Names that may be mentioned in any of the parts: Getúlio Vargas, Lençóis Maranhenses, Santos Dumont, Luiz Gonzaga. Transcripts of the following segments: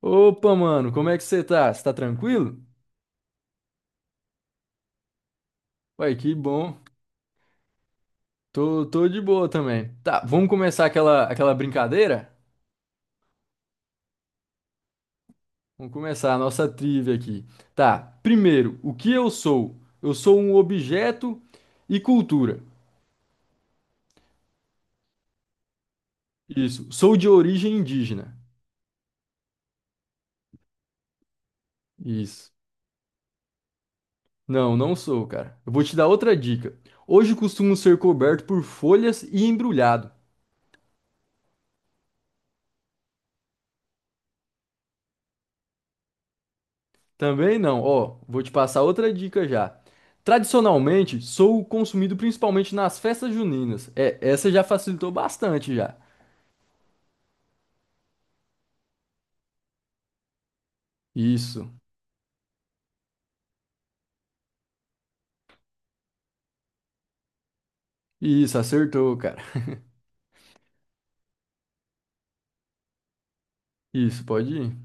Opa, mano, como é que você tá? Você tá tranquilo? Ué, que bom. Tô de boa também. Tá, vamos começar aquela brincadeira? Vamos começar a nossa trivia aqui. Tá, primeiro, o que eu sou? Eu sou um objeto e cultura. Isso, sou de origem indígena. Isso. Não sou, cara. Eu vou te dar outra dica. Hoje costumo ser coberto por folhas e embrulhado. Também não. Ó, vou te passar outra dica já. Tradicionalmente, sou consumido principalmente nas festas juninas. É, essa já facilitou bastante já. Isso. Isso, acertou, cara. Isso, pode ir.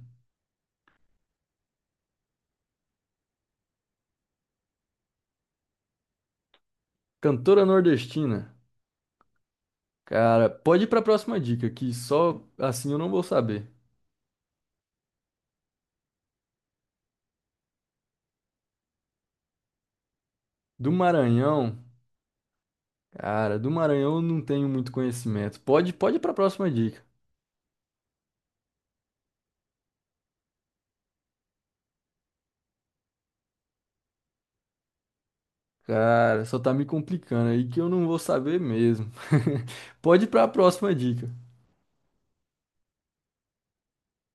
Cantora nordestina. Cara, pode ir pra próxima dica, que só assim eu não vou saber. Do Maranhão. Cara, do Maranhão eu não tenho muito conhecimento. Pode ir pra próxima dica. Cara, só tá me complicando aí que eu não vou saber mesmo. Pode ir pra próxima dica.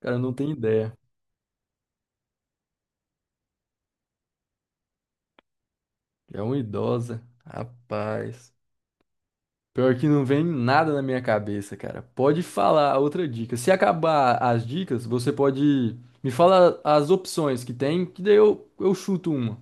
Cara, eu não tenho ideia. É uma idosa. Rapaz. Pior que não vem nada na minha cabeça, cara. Pode falar outra dica. Se acabar as dicas, você pode me falar as opções que tem, que daí eu chuto uma.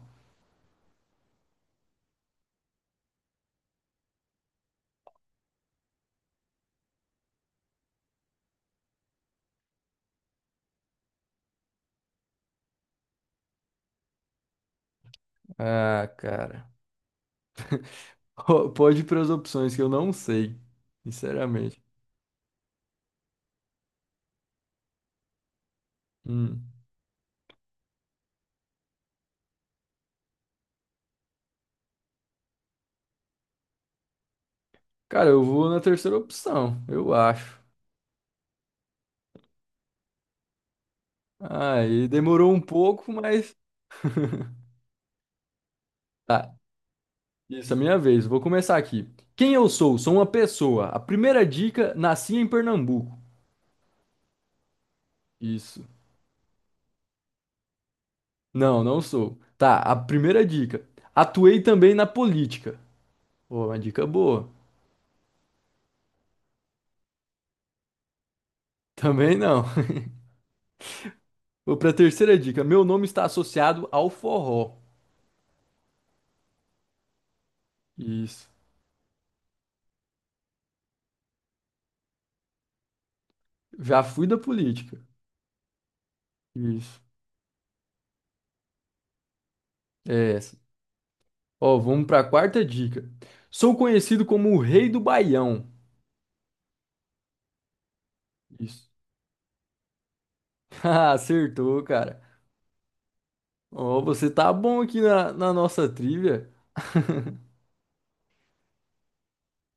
Ah, cara. Pode ir para as opções que eu não sei. Sinceramente. Hum. Cara, eu vou na terceira opção, eu acho. Aí demorou um pouco, mas. Tá. Isso, é minha vez. Vou começar aqui. Quem eu sou? Sou uma pessoa. A primeira dica, nasci em Pernambuco. Isso. Não sou. Tá, a primeira dica. Atuei também na política. Pô, uma dica boa. Também não. Vou pra terceira dica. Meu nome está associado ao forró. Isso. Já fui da política. Isso. É essa. Ó, vamos pra quarta dica. Sou conhecido como o Rei do Baião. Isso. Ah, acertou, cara. Ó, você tá bom aqui na, na nossa trivia.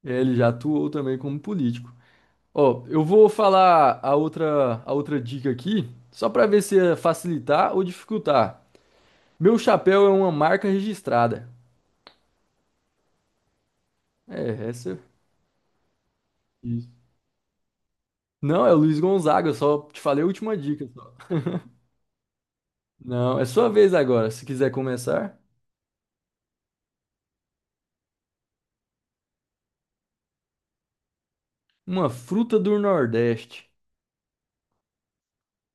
É, ele já atuou também como político. Ó, eu vou falar a outra dica aqui, só pra ver se é facilitar ou dificultar. Meu chapéu é uma marca registrada. É, essa. Isso. Não, é o Luiz Gonzaga, eu só te falei a última dica. Só. Não, é sua vez agora, se quiser começar. Uma fruta do Nordeste.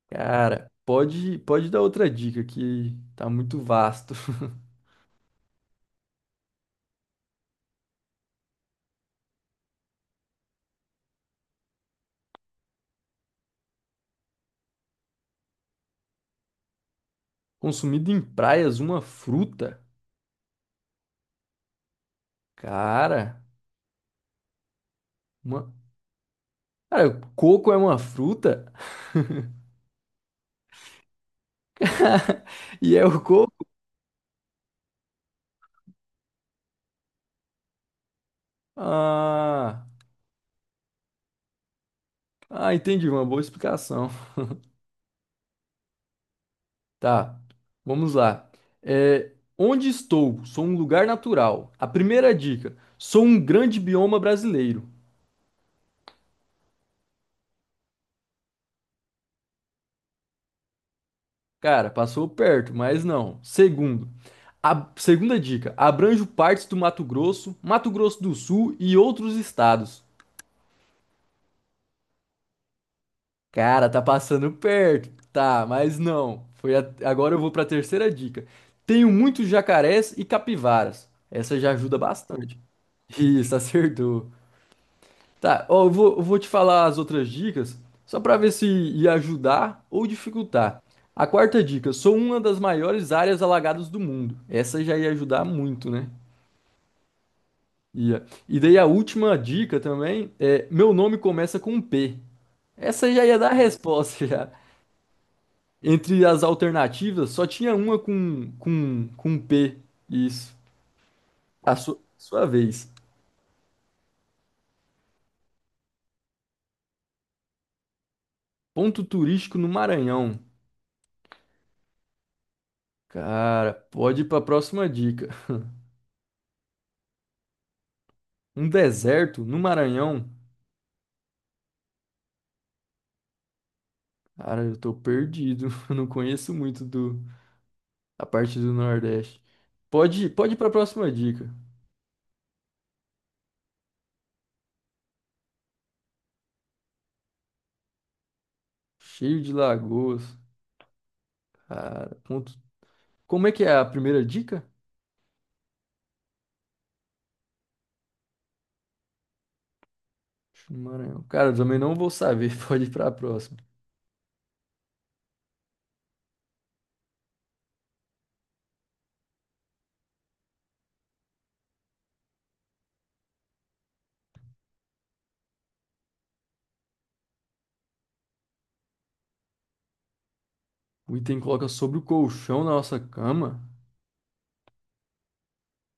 Cara, pode dar outra dica que tá muito vasto. Consumido em praias, uma fruta. Cara, uma... Cara, coco é uma fruta? E é o coco? Ah, entendi, uma boa explicação. Tá, vamos lá. É, onde estou? Sou um lugar natural. A primeira dica: sou um grande bioma brasileiro. Cara, passou perto, mas não. Segundo, a segunda dica: abranjo partes do Mato Grosso, Mato Grosso do Sul e outros estados. Cara, tá passando perto. Tá, mas não. Agora eu vou pra terceira dica. Tenho muitos jacarés e capivaras. Essa já ajuda bastante. Isso, acertou. Tá, ó, eu vou te falar as outras dicas, só pra ver se ia ajudar ou dificultar. A quarta dica, sou uma das maiores áreas alagadas do mundo. Essa já ia ajudar muito, né? Ia. E daí a última dica também é, meu nome começa com P. Essa já ia dar a resposta já. Entre as alternativas, só tinha uma com P. Isso. Sua vez. Ponto turístico no Maranhão. Cara, pode ir para a próxima dica. Um deserto no Maranhão? Cara, eu tô perdido. Eu não conheço muito a parte do Nordeste. Pode ir para a próxima dica. Cheio de lagoas. Cara, ponto. Como é que é a primeira dica? No Maranhão. Cara, eu também não vou saber. Pode ir para a próxima. O item coloca sobre o colchão da nossa cama.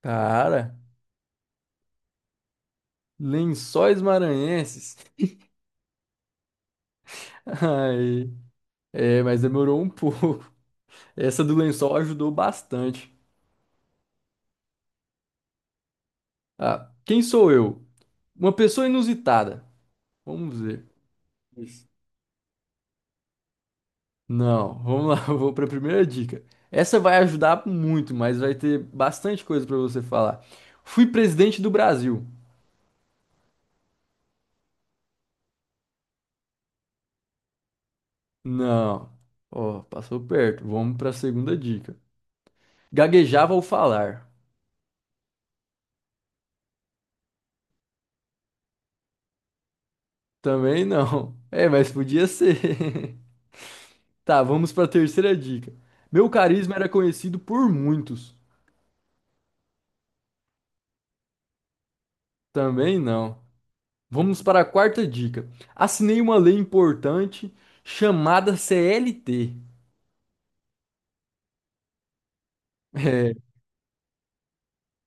Cara, lençóis maranhenses. Ai, é, mas demorou um pouco. Essa do lençol ajudou bastante. Ah, quem sou eu? Uma pessoa inusitada. Vamos ver. Isso. Não, vamos lá, eu vou para a primeira dica. Essa vai ajudar muito, mas vai ter bastante coisa para você falar. Fui presidente do Brasil. Não. Ó, passou perto. Vamos para a segunda dica. Gaguejava ao falar. Também não. É, mas podia ser. Tá, vamos para a terceira dica. Meu carisma era conhecido por muitos. Também não. Vamos para a quarta dica. Assinei uma lei importante chamada CLT. É,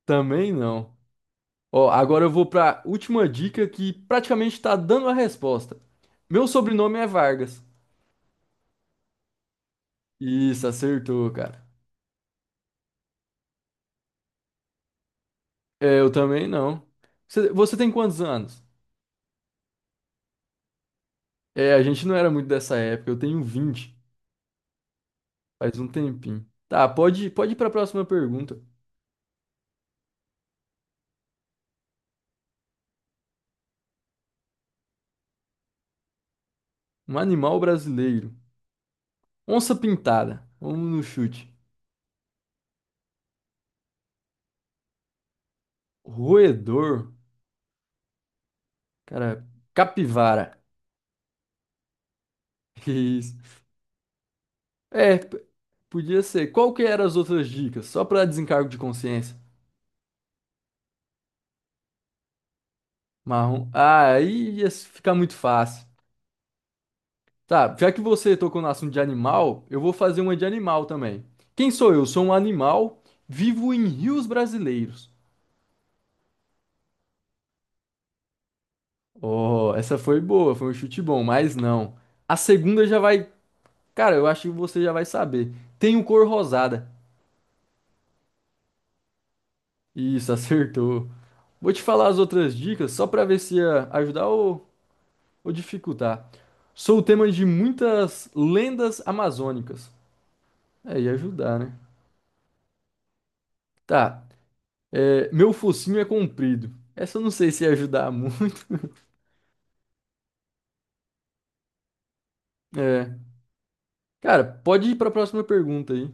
também não. Ó, agora eu vou para a última dica que praticamente está dando a resposta. Meu sobrenome é Vargas. Isso, acertou, cara. É, eu também não. Você tem quantos anos? É, a gente não era muito dessa época, eu tenho 20. Faz um tempinho. Tá, pode ir para a próxima pergunta. Um animal brasileiro. Onça pintada. Vamos no chute. Roedor. Cara, capivara. Isso. É, podia ser. Qual que eram as outras dicas? Só para desencargo de consciência. Marrom. Ah, aí ficar muito fácil. Tá, já que você tocou no assunto de animal, eu vou fazer uma de animal também. Quem sou eu? Sou um animal, vivo em rios brasileiros. Oh, essa foi boa, foi um chute bom, mas não. A segunda já vai. Cara, eu acho que você já vai saber. Tem o cor rosada. Isso, acertou. Vou te falar as outras dicas só pra ver se ia ajudar ou dificultar. Sou o tema de muitas lendas amazônicas. É, ia ajudar, né? Tá. É, meu focinho é comprido. Essa eu não sei se ia ajudar muito. É. Cara, pode ir pra próxima pergunta aí.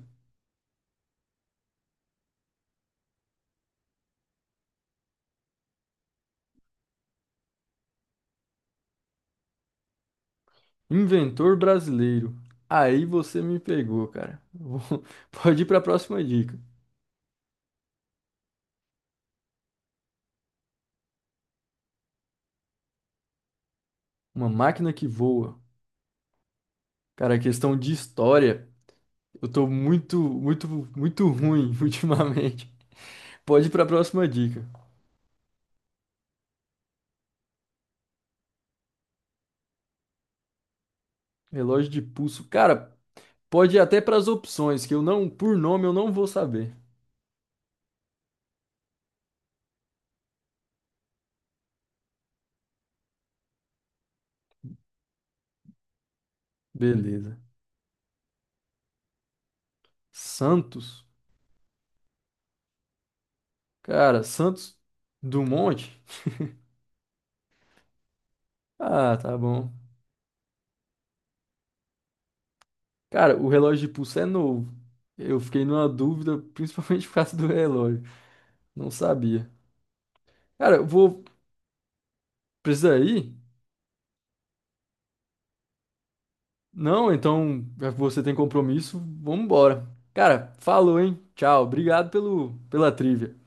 Inventor brasileiro. Aí você me pegou, cara. Pode ir para a próxima dica. Uma máquina que voa. Cara, questão de história, eu tô muito ruim ultimamente. Pode ir para a próxima dica. Relógio de pulso. Cara, pode ir até para as opções, que eu não, por nome, eu não vou saber. Beleza. Santos. Cara, Santos Dumont. Ah, tá bom. Cara, o relógio de pulso é novo. Eu fiquei numa dúvida, principalmente por causa do relógio. Não sabia. Cara, eu vou precisar ir? Não, então, já que você tem compromisso, vamos embora. Cara, falou, hein? Tchau. Obrigado pela trivia.